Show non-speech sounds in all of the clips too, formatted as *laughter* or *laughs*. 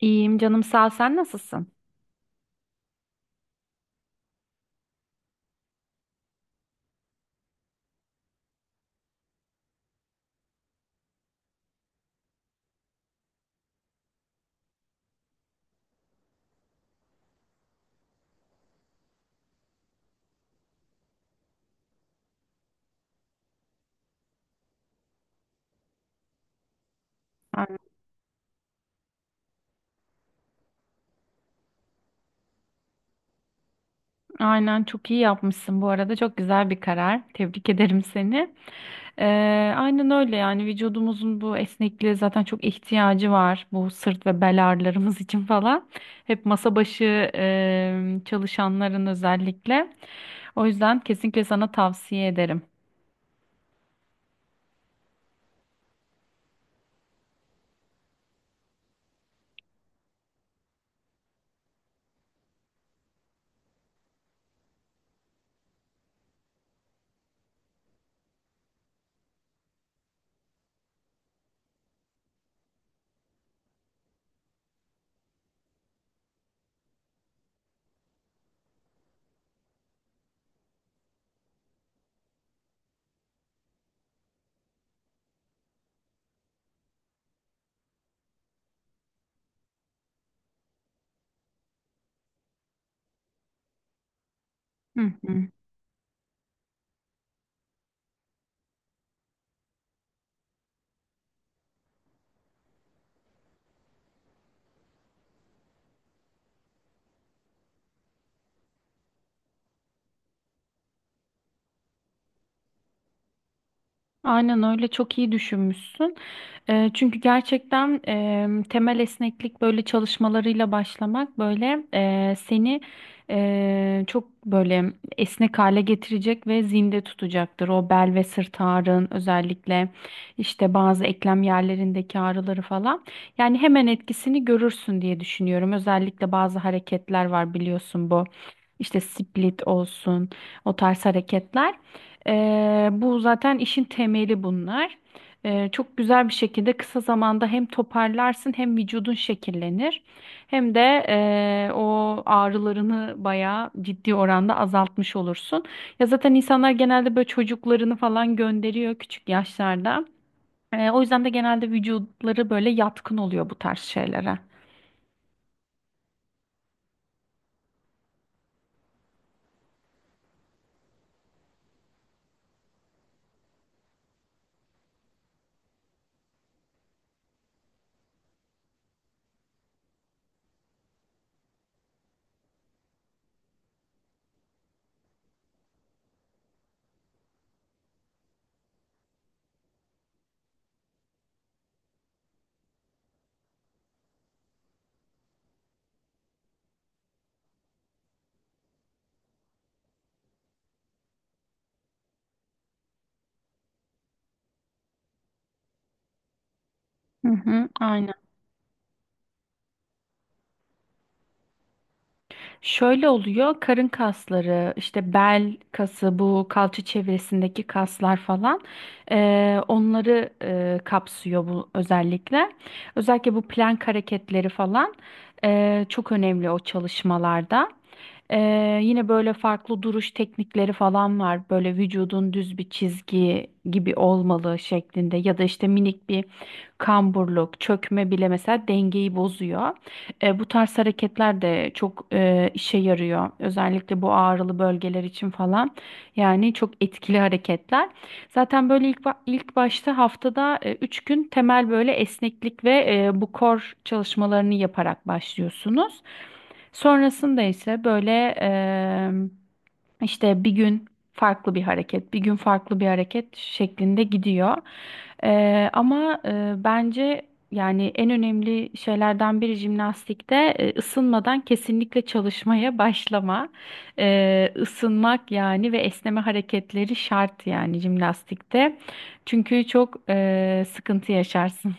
İyiyim canım sağ ol. Sen nasılsın? Aynen. Aynen, çok iyi yapmışsın bu arada. Çok güzel bir karar. Tebrik ederim seni. Ee, aynen öyle yani vücudumuzun bu esnekliğe zaten çok ihtiyacı var. Bu sırt ve bel ağrılarımız *laughs* için falan. Hep masa başı çalışanların özellikle. O yüzden kesinlikle sana tavsiye ederim. Hı hı. Aynen öyle, çok iyi düşünmüşsün. Çünkü gerçekten temel esneklik böyle çalışmalarıyla başlamak böyle seni çok böyle esnek hale getirecek ve zinde tutacaktır. O bel ve sırt ağrın özellikle, işte bazı eklem yerlerindeki ağrıları falan. Yani hemen etkisini görürsün diye düşünüyorum. Özellikle bazı hareketler var biliyorsun bu. İşte split olsun, o tarz hareketler. Bu zaten işin temeli bunlar. Çok güzel bir şekilde kısa zamanda hem toparlarsın, hem vücudun şekillenir, hem de o ağrılarını bayağı ciddi oranda azaltmış olursun. Ya zaten insanlar genelde böyle çocuklarını falan gönderiyor küçük yaşlarda. O yüzden de genelde vücutları böyle yatkın oluyor bu tarz şeylere. Hı hı, aynen. Şöyle oluyor, karın kasları, işte bel kası, bu kalça çevresindeki kaslar falan, onları kapsıyor bu özellikle. Özellikle bu plank hareketleri falan çok önemli o çalışmalarda. Yine böyle farklı duruş teknikleri falan var, böyle vücudun düz bir çizgi gibi olmalı şeklinde, ya da işte minik bir kamburluk, çökme bile mesela dengeyi bozuyor. Bu tarz hareketler de çok işe yarıyor. Özellikle bu ağrılı bölgeler için falan. Yani çok etkili hareketler. Zaten böyle ilk başta haftada 3 gün temel böyle esneklik ve bu core çalışmalarını yaparak başlıyorsunuz. Sonrasında ise böyle işte bir gün farklı bir hareket, bir gün farklı bir hareket şeklinde gidiyor. Ama bence yani en önemli şeylerden biri jimnastikte ısınmadan kesinlikle çalışmaya başlama. Isınmak yani ve esneme hareketleri şart yani jimnastikte. Çünkü çok sıkıntı yaşarsın.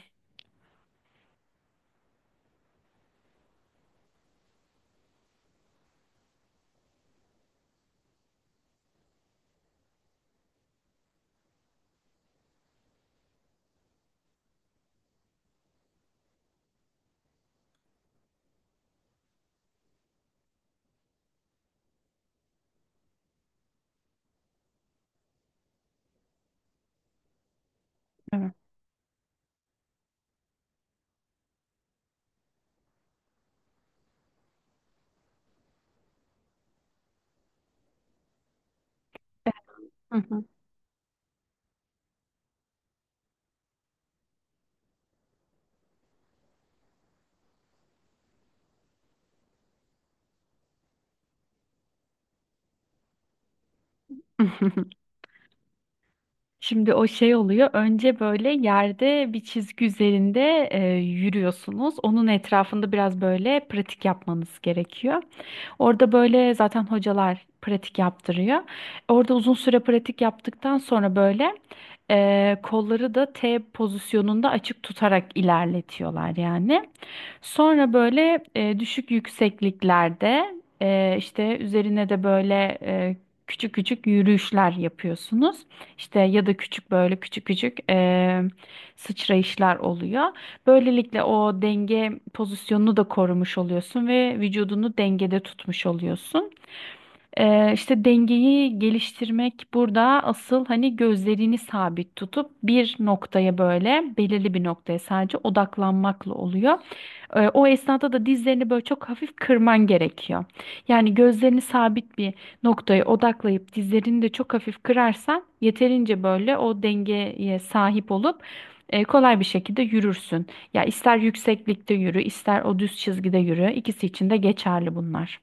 Evet. Hı hı. *laughs* Şimdi o şey oluyor. Önce böyle yerde bir çizgi üzerinde yürüyorsunuz. Onun etrafında biraz böyle pratik yapmanız gerekiyor. Orada böyle zaten hocalar pratik yaptırıyor. Orada uzun süre pratik yaptıktan sonra böyle kolları da T pozisyonunda açık tutarak ilerletiyorlar yani. Sonra böyle düşük yüksekliklerde işte üzerine de böyle küçük küçük yürüyüşler yapıyorsunuz. İşte ya da küçük böyle küçük küçük sıçrayışlar oluyor. Böylelikle o denge pozisyonunu da korumuş oluyorsun ve vücudunu dengede tutmuş oluyorsun. İşte dengeyi geliştirmek burada asıl, hani gözlerini sabit tutup bir noktaya, böyle belirli bir noktaya sadece odaklanmakla oluyor. O esnada da dizlerini böyle çok hafif kırman gerekiyor. Yani gözlerini sabit bir noktaya odaklayıp dizlerini de çok hafif kırarsan yeterince böyle o dengeye sahip olup kolay bir şekilde yürürsün. Ya ister yükseklikte yürü, ister o düz çizgide yürü. İkisi için de geçerli bunlar.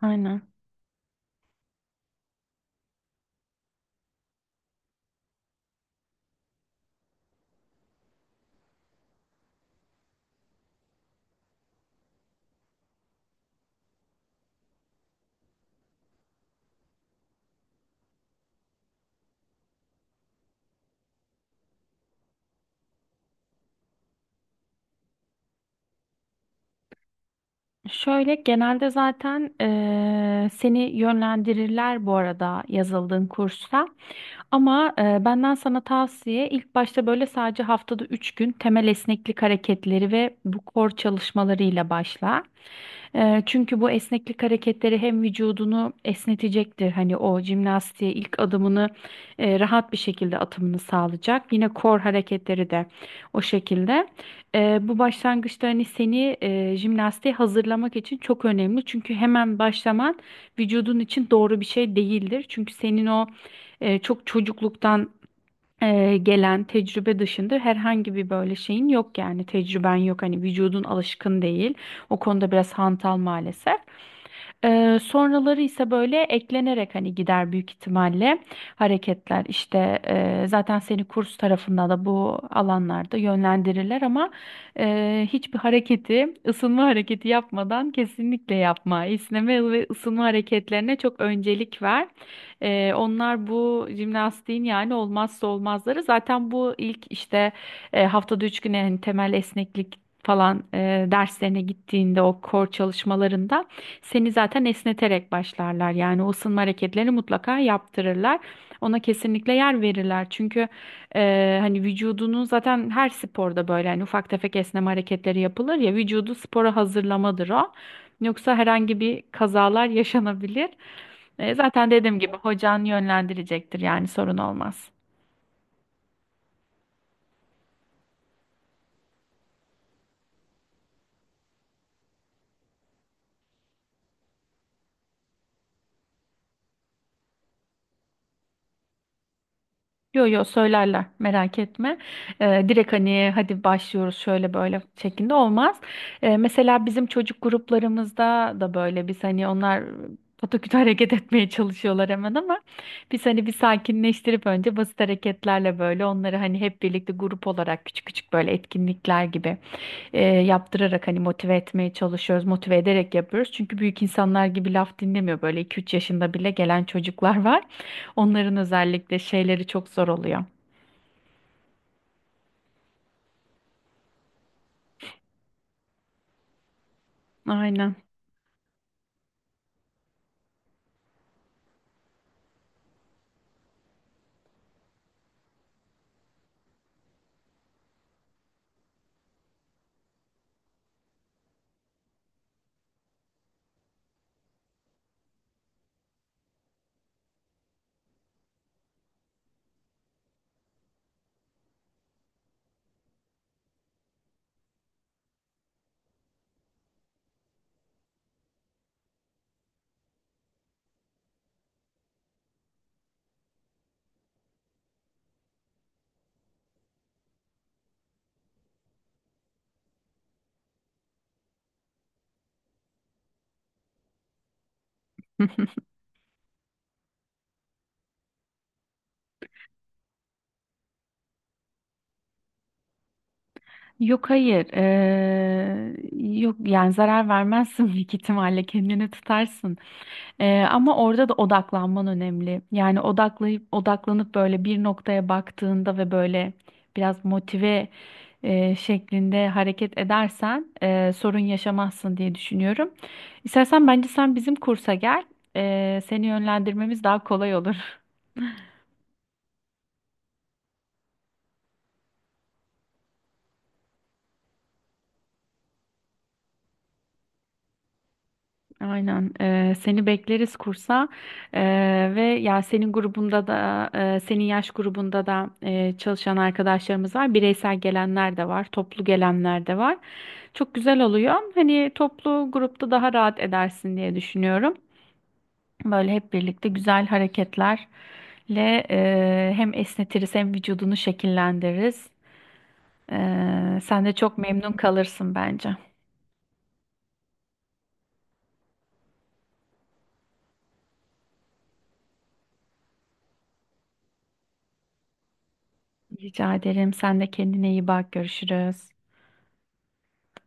Aynen. Şöyle, genelde zaten seni yönlendirirler bu arada yazıldığın kursa. Ama benden sana tavsiye, ilk başta böyle sadece haftada 3 gün temel esneklik hareketleri ve bu core çalışmalarıyla başla. Çünkü bu esneklik hareketleri hem vücudunu esnetecektir. Hani o jimnastiğe ilk adımını rahat bir şekilde atımını sağlayacak. Yine kor hareketleri de o şekilde. Bu başlangıçta hani seni jimnastiğe hazırlamak için çok önemli. Çünkü hemen başlaman vücudun için doğru bir şey değildir. Çünkü senin o çok çocukluktan gelen tecrübe dışında herhangi bir böyle şeyin yok, yani tecrüben yok, hani vücudun alışkın değil, o konuda biraz hantal maalesef. Sonraları ise böyle eklenerek hani gider büyük ihtimalle hareketler, işte zaten seni kurs tarafında da bu alanlarda yönlendirirler ama hiçbir hareketi ısınma hareketi yapmadan kesinlikle yapma. İsneme ve ısınma hareketlerine çok öncelik ver. Onlar bu jimnastiğin yani olmazsa olmazları. Zaten bu ilk, işte haftada üç güne, hani temel esneklik falan derslerine gittiğinde, o core çalışmalarında seni zaten esneterek başlarlar. Yani o ısınma hareketlerini mutlaka yaptırırlar. Ona kesinlikle yer verirler. Çünkü hani vücudunu zaten her sporda böyle hani ufak tefek esneme hareketleri yapılır ya, vücudu spora hazırlamadır o. Yoksa herhangi bir kazalar yaşanabilir. Zaten dediğim gibi hocan yönlendirecektir, yani sorun olmaz. Yo yo, söylerler, merak etme. Direkt hani hadi başlıyoruz şöyle böyle şeklinde olmaz. Mesela bizim çocuk gruplarımızda da böyle biz hani, onlar pataküte *laughs* hareket etmeye çalışıyorlar hemen, ama biz hani bir sakinleştirip önce basit hareketlerle böyle onları, hani hep birlikte grup olarak küçük küçük böyle etkinlikler gibi yaptırarak hani motive etmeye çalışıyoruz. Motive ederek yapıyoruz. Çünkü büyük insanlar gibi laf dinlemiyor. Böyle iki üç yaşında bile gelen çocuklar *laughs* var. Onların özellikle şeyleri çok zor oluyor. Aynen. *laughs* Yok, hayır. Yok yani zarar vermezsin, *laughs* büyük ihtimalle kendini tutarsın. Ama orada da odaklanman önemli. Yani odaklayıp böyle bir noktaya baktığında ve böyle biraz motive şeklinde hareket edersen sorun yaşamazsın diye düşünüyorum. İstersen bence sen bizim kursa gel. Seni yönlendirmemiz daha kolay olur. *laughs* Aynen. Seni bekleriz kursa. Ve ya senin grubunda da senin yaş grubunda da çalışan arkadaşlarımız var. Bireysel gelenler de var, toplu gelenler de var. Çok güzel oluyor. Hani toplu grupta daha rahat edersin diye düşünüyorum. Böyle hep birlikte güzel hareketlerle hem esnetiriz hem vücudunu şekillendiririz. Sen de çok memnun kalırsın bence. Rica ederim. Sen de kendine iyi bak. Görüşürüz.